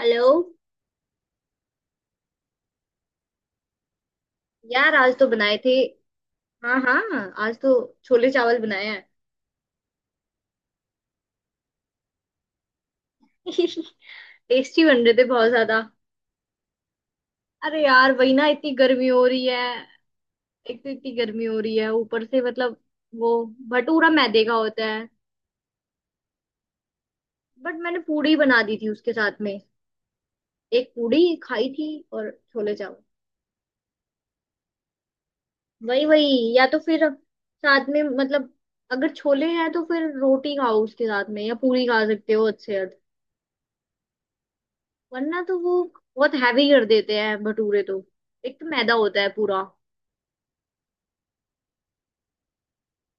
Hello. यार आज तो बनाए थे। हाँ हाँ। आज तो छोले चावल बनाए हैं। टेस्टी बन रहे थे बहुत ज्यादा। अरे यार, वही ना, इतनी गर्मी हो रही है। एक तो इतनी गर्मी हो रही है, ऊपर से मतलब वो भटूरा मैदे का होता है। बट मैंने पूड़ी बना दी थी उसके साथ में। एक पूड़ी खाई थी। और छोले चावल। वही वही। या तो फिर साथ में मतलब अगर छोले हैं तो फिर रोटी खाओ उसके साथ में, या पूरी खा सकते हो अच्छे। वरना तो वो बहुत हैवी कर देते हैं भटूरे तो। एक तो मैदा होता है पूरा।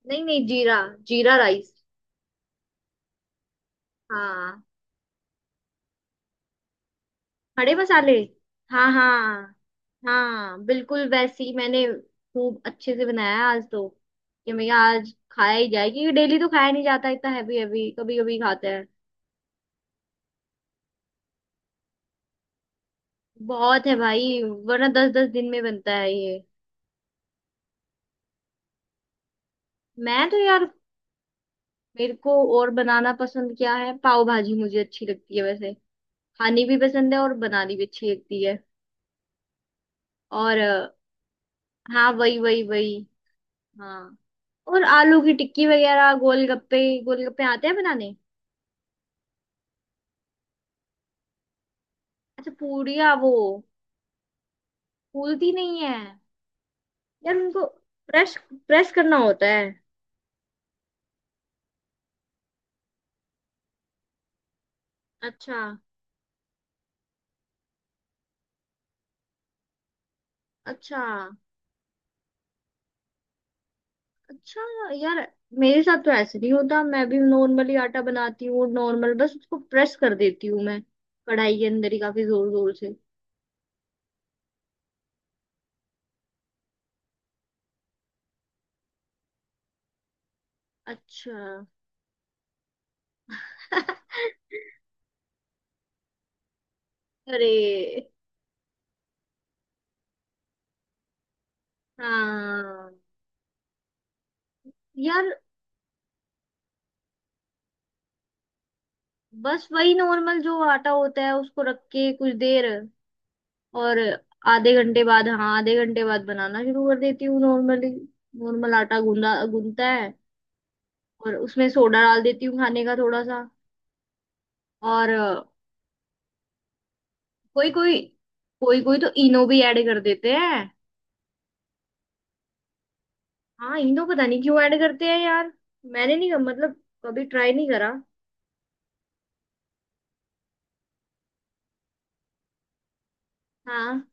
नहीं नहीं, जीरा। जीरा राइस। हाँ। खड़े मसाले। हाँ हाँ। हाँ बिल्कुल वैसे ही, मैंने खूब अच्छे से बनाया आज तो। कि मैं आज खाया ही जाए क्योंकि डेली तो खाया नहीं जाता। इतना हैवी हैवी कभी कभी खाते हैं। बहुत है भाई। वरना 10 10 दिन में बनता है ये। मैं तो यार मेरे को और बनाना पसंद, क्या है, पाव भाजी मुझे अच्छी लगती है वैसे। खानी भी पसंद है और बनानी भी अच्छी लगती है। और हाँ वही वही वही। हाँ। और आलू की टिक्की वगैरह, गोलगप्पे। गोलगप्पे आते हैं बनाने। अच्छा, पूड़िया, वो फूलती नहीं है। यार उनको प्रेस, प्रेस करना होता है। अच्छा। अच्छा। अच्छा यार, मेरे साथ तो ऐसे नहीं होता, मैं भी नॉर्मली आटा बनाती हूँ नॉर्मल, बस उसको प्रेस कर देती हूँ मैं कढ़ाई के अंदर ही, काफी जोर जोर से। अच्छा। अरे। हाँ यार, बस वही नॉर्मल जो आटा होता है उसको रख के कुछ देर। और आधे घंटे बाद, हाँ, आधे घंटे बाद बनाना शुरू कर देती हूँ नॉर्मली। नॉर्मल आटा गूंदा गूंदता है। और उसमें सोडा डाल देती हूँ खाने का थोड़ा सा। और कोई कोई कोई कोई तो इनो भी ऐड कर देते हैं। हाँ इनो पता नहीं क्यों ऐड करते हैं यार। मैंने नहीं मतलब कभी ट्राई नहीं करा। हाँ।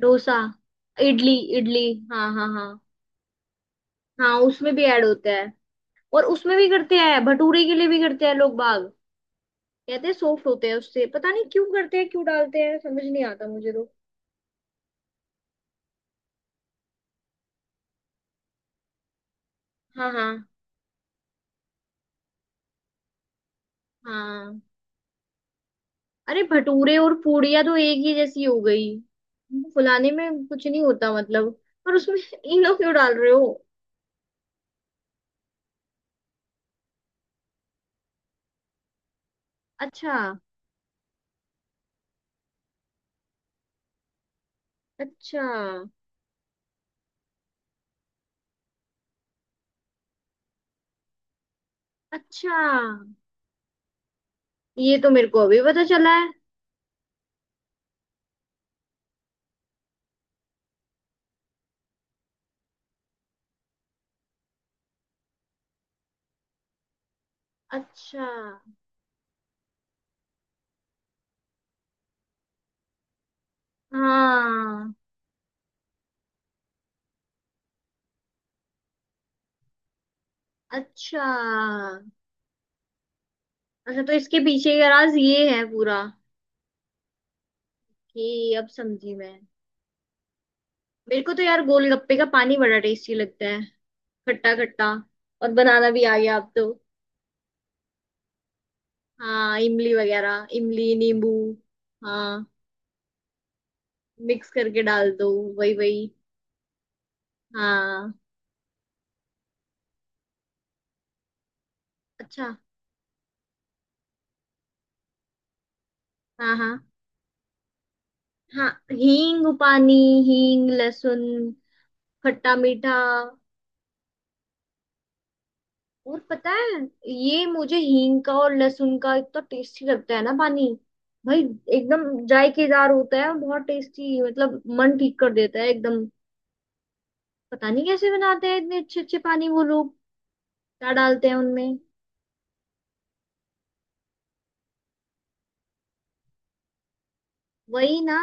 डोसा इडली इडली। हाँ हाँ हाँ। हाँ उसमें भी ऐड होता है। और उसमें भी करते हैं, भटूरे के लिए भी करते हैं लोग बाग। कहते हैं सॉफ्ट होते हैं उससे, पता नहीं क्यों करते हैं, क्यों डालते हैं, समझ नहीं आता मुझे तो। हाँ हाँ हाँ। अरे भटूरे और पूड़ियाँ तो एक ही जैसी हो गई, उनको फुलाने में कुछ नहीं होता मतलब। पर उसमें इनो क्यों डाल रहे हो। अच्छा। अच्छा। अच्छा। ये तो मेरे को अभी पता चला है। अच्छा। हाँ। अच्छा। अच्छा तो इसके पीछे का राज ये है पूरा। कि अब समझी मैं। मेरे को तो यार गोलगप्पे का पानी बड़ा टेस्टी लगता है, खट्टा खट्टा। और बनाना भी आ गया अब तो। हाँ इमली वगैरह, इमली नींबू। हाँ मिक्स करके डाल दो। वही वही। हाँ। अच्छा। हाँ हाँ हाँ, हींग पानी। हींग लहसुन। खट्टा मीठा। और पता है, ये मुझे हींग का और लहसुन का इतना टेस्टी लगता है ना पानी, भाई। एकदम जायकेदार होता है और बहुत टेस्टी, मतलब मन ठीक कर देता है एकदम। पता नहीं कैसे बनाते हैं इतने अच्छे अच्छे पानी वो लोग। क्या डालते हैं उनमें। वही ना।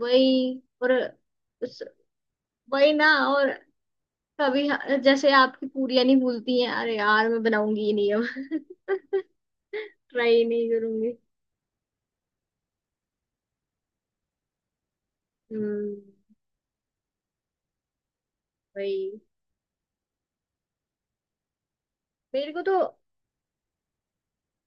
वही और उस- वही ना। और कभी जैसे आपकी पूरियां नहीं भूलती हैं, अरे यार मैं बनाऊंगी ही नहीं अब। ट्राई नहीं करूंगी। हम्म। वही। मेरे को तो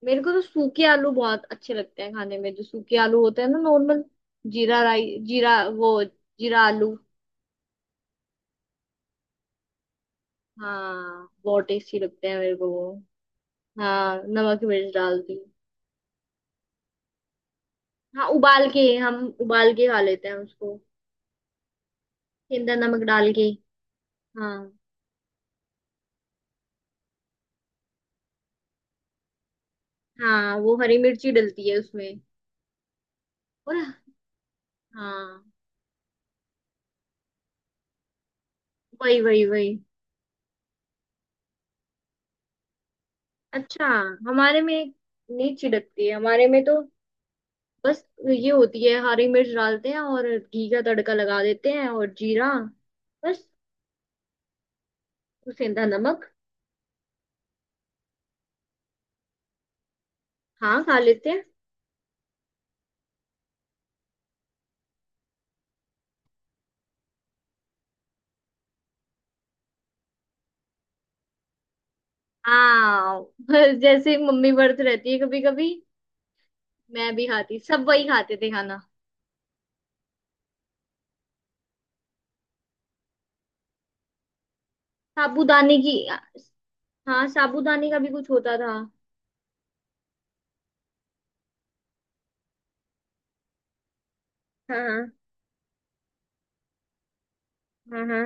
मेरे को तो सूखे आलू बहुत अच्छे लगते हैं खाने में, जो सूखे आलू होते हैं ना नॉर्मल। जीरा राई, जीरा, वो जीरा आलू। हाँ बहुत टेस्टी लगते हैं मेरे को वो। हाँ नमक मिर्च डालती हूँ। हाँ उबाल के हम उबाल के खा लेते हैं उसको। सेंधा नमक डाल के। हाँ हाँ। वो हरी मिर्ची डलती है उसमें। और। हाँ। वही वही वही। अच्छा हमारे में नहीं छिड़कती है हमारे में तो। बस ये होती है, हरी मिर्च डालते हैं और घी का तड़का लगा देते हैं, और जीरा, बस। सेंधा नमक। हाँ खा लेते हैं। हाँ। बस जैसे मम्मी व्रत रहती है कभी कभी, मैं भी खाती, सब वही खाते थे खाना। साबूदाने की। हाँ साबूदाने का भी कुछ होता था। हाँ हाँ। हाँ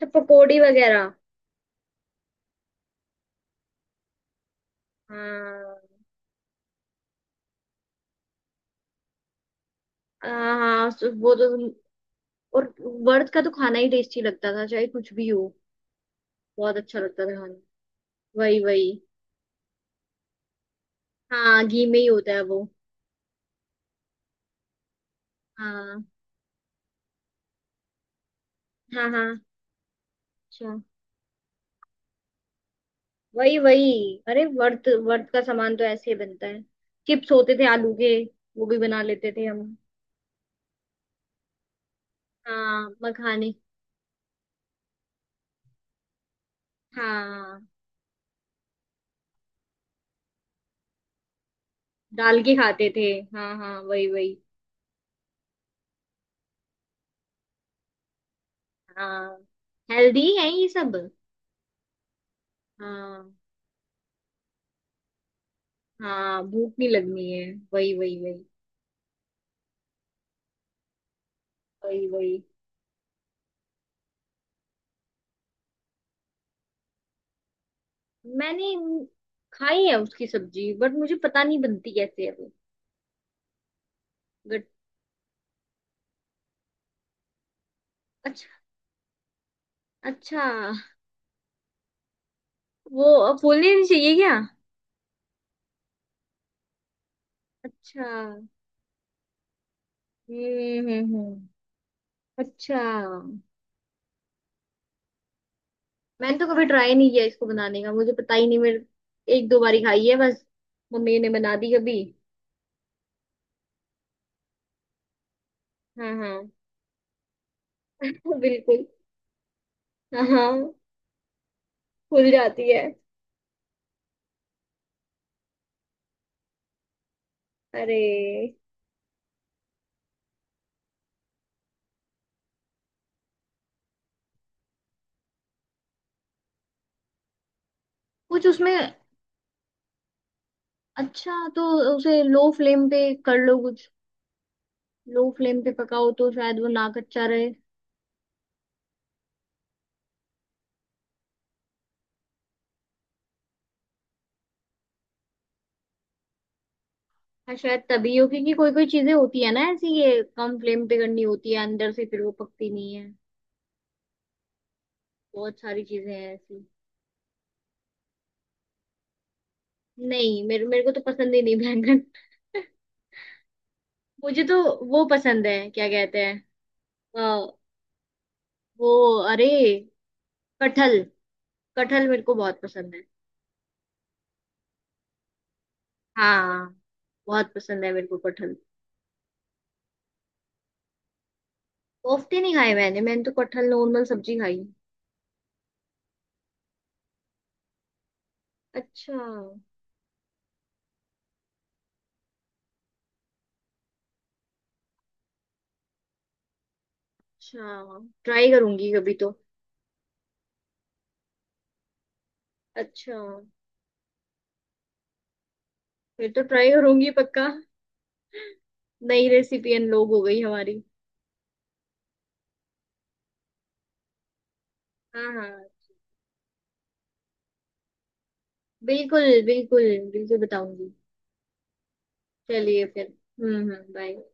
तो पकौड़ी वगैरह। हाँ हाँ हाँ, वो तो। और वर्थ का तो खाना ही टेस्टी लगता था चाहे कुछ भी हो। बहुत अच्छा लगता था खाना। वही वही। हाँ घी में ही होता है वो। हाँ हाँ हाँ। अच्छा। वही वही। अरे वर्थ वर्थ का सामान तो ऐसे ही बनता है। चिप्स होते थे आलू के। वो भी बना लेते थे हम। हाँ मखाने। हाँ डाल के खाते थे। हाँ हाँ वही वही। हाँ हेल्दी है ये सब। हाँ हाँ। भूख नहीं लगनी है। वही वही वही, वही वही। मैंने खाई है उसकी सब्जी, बट मुझे पता नहीं बनती कैसे है वो। बट। अच्छा। अच्छा। वो अब बोलने नहीं चाहिए क्या। अच्छा। हम्म। अच्छा। मैंने तो कभी ट्राई नहीं किया इसको बनाने का, मुझे पता ही नहीं मेरे। एक दो बारी खाई है बस। मम्मी ने बना दी कभी। हाँ हाँ। बिल्कुल। हाँ हाँ। फूल जाती है। अरे। कुछ उसमें। अच्छा तो उसे, लो फ्लेम पे कर लो कुछ। लो फ्लेम पे पकाओ तो शायद वो ना कच्चा रहे। हाँ शायद तभी हो, क्योंकि कोई कोई चीजें होती है ना ऐसी, ये कम फ्लेम पे करनी होती है, अंदर से फिर वो पकती नहीं है। बहुत सारी चीजें हैं ऐसी। नहीं मेरे मेरे को तो पसंद ही नहीं बैंगन। मुझे तो। वो पसंद है, क्या कहते हैं? अ, वो, अरे, कटहल। कटहल मेरे को बहुत पसंद है। हाँ बहुत पसंद है मेरे को कटहल। कोफ्ते नहीं खाए, मैंने मैंने तो कटहल नॉर्मल सब्जी खाई। अच्छा। अच्छा ट्राई करूंगी कभी तो। अच्छा फिर तो ट्राई करूंगी पक्का। नई रेसिपी अनलॉक हो गई हमारी। हाँ हाँ बिल्कुल बिल्कुल। बिल्कुल बताऊंगी। चलिए फिर। हम्म, बाय।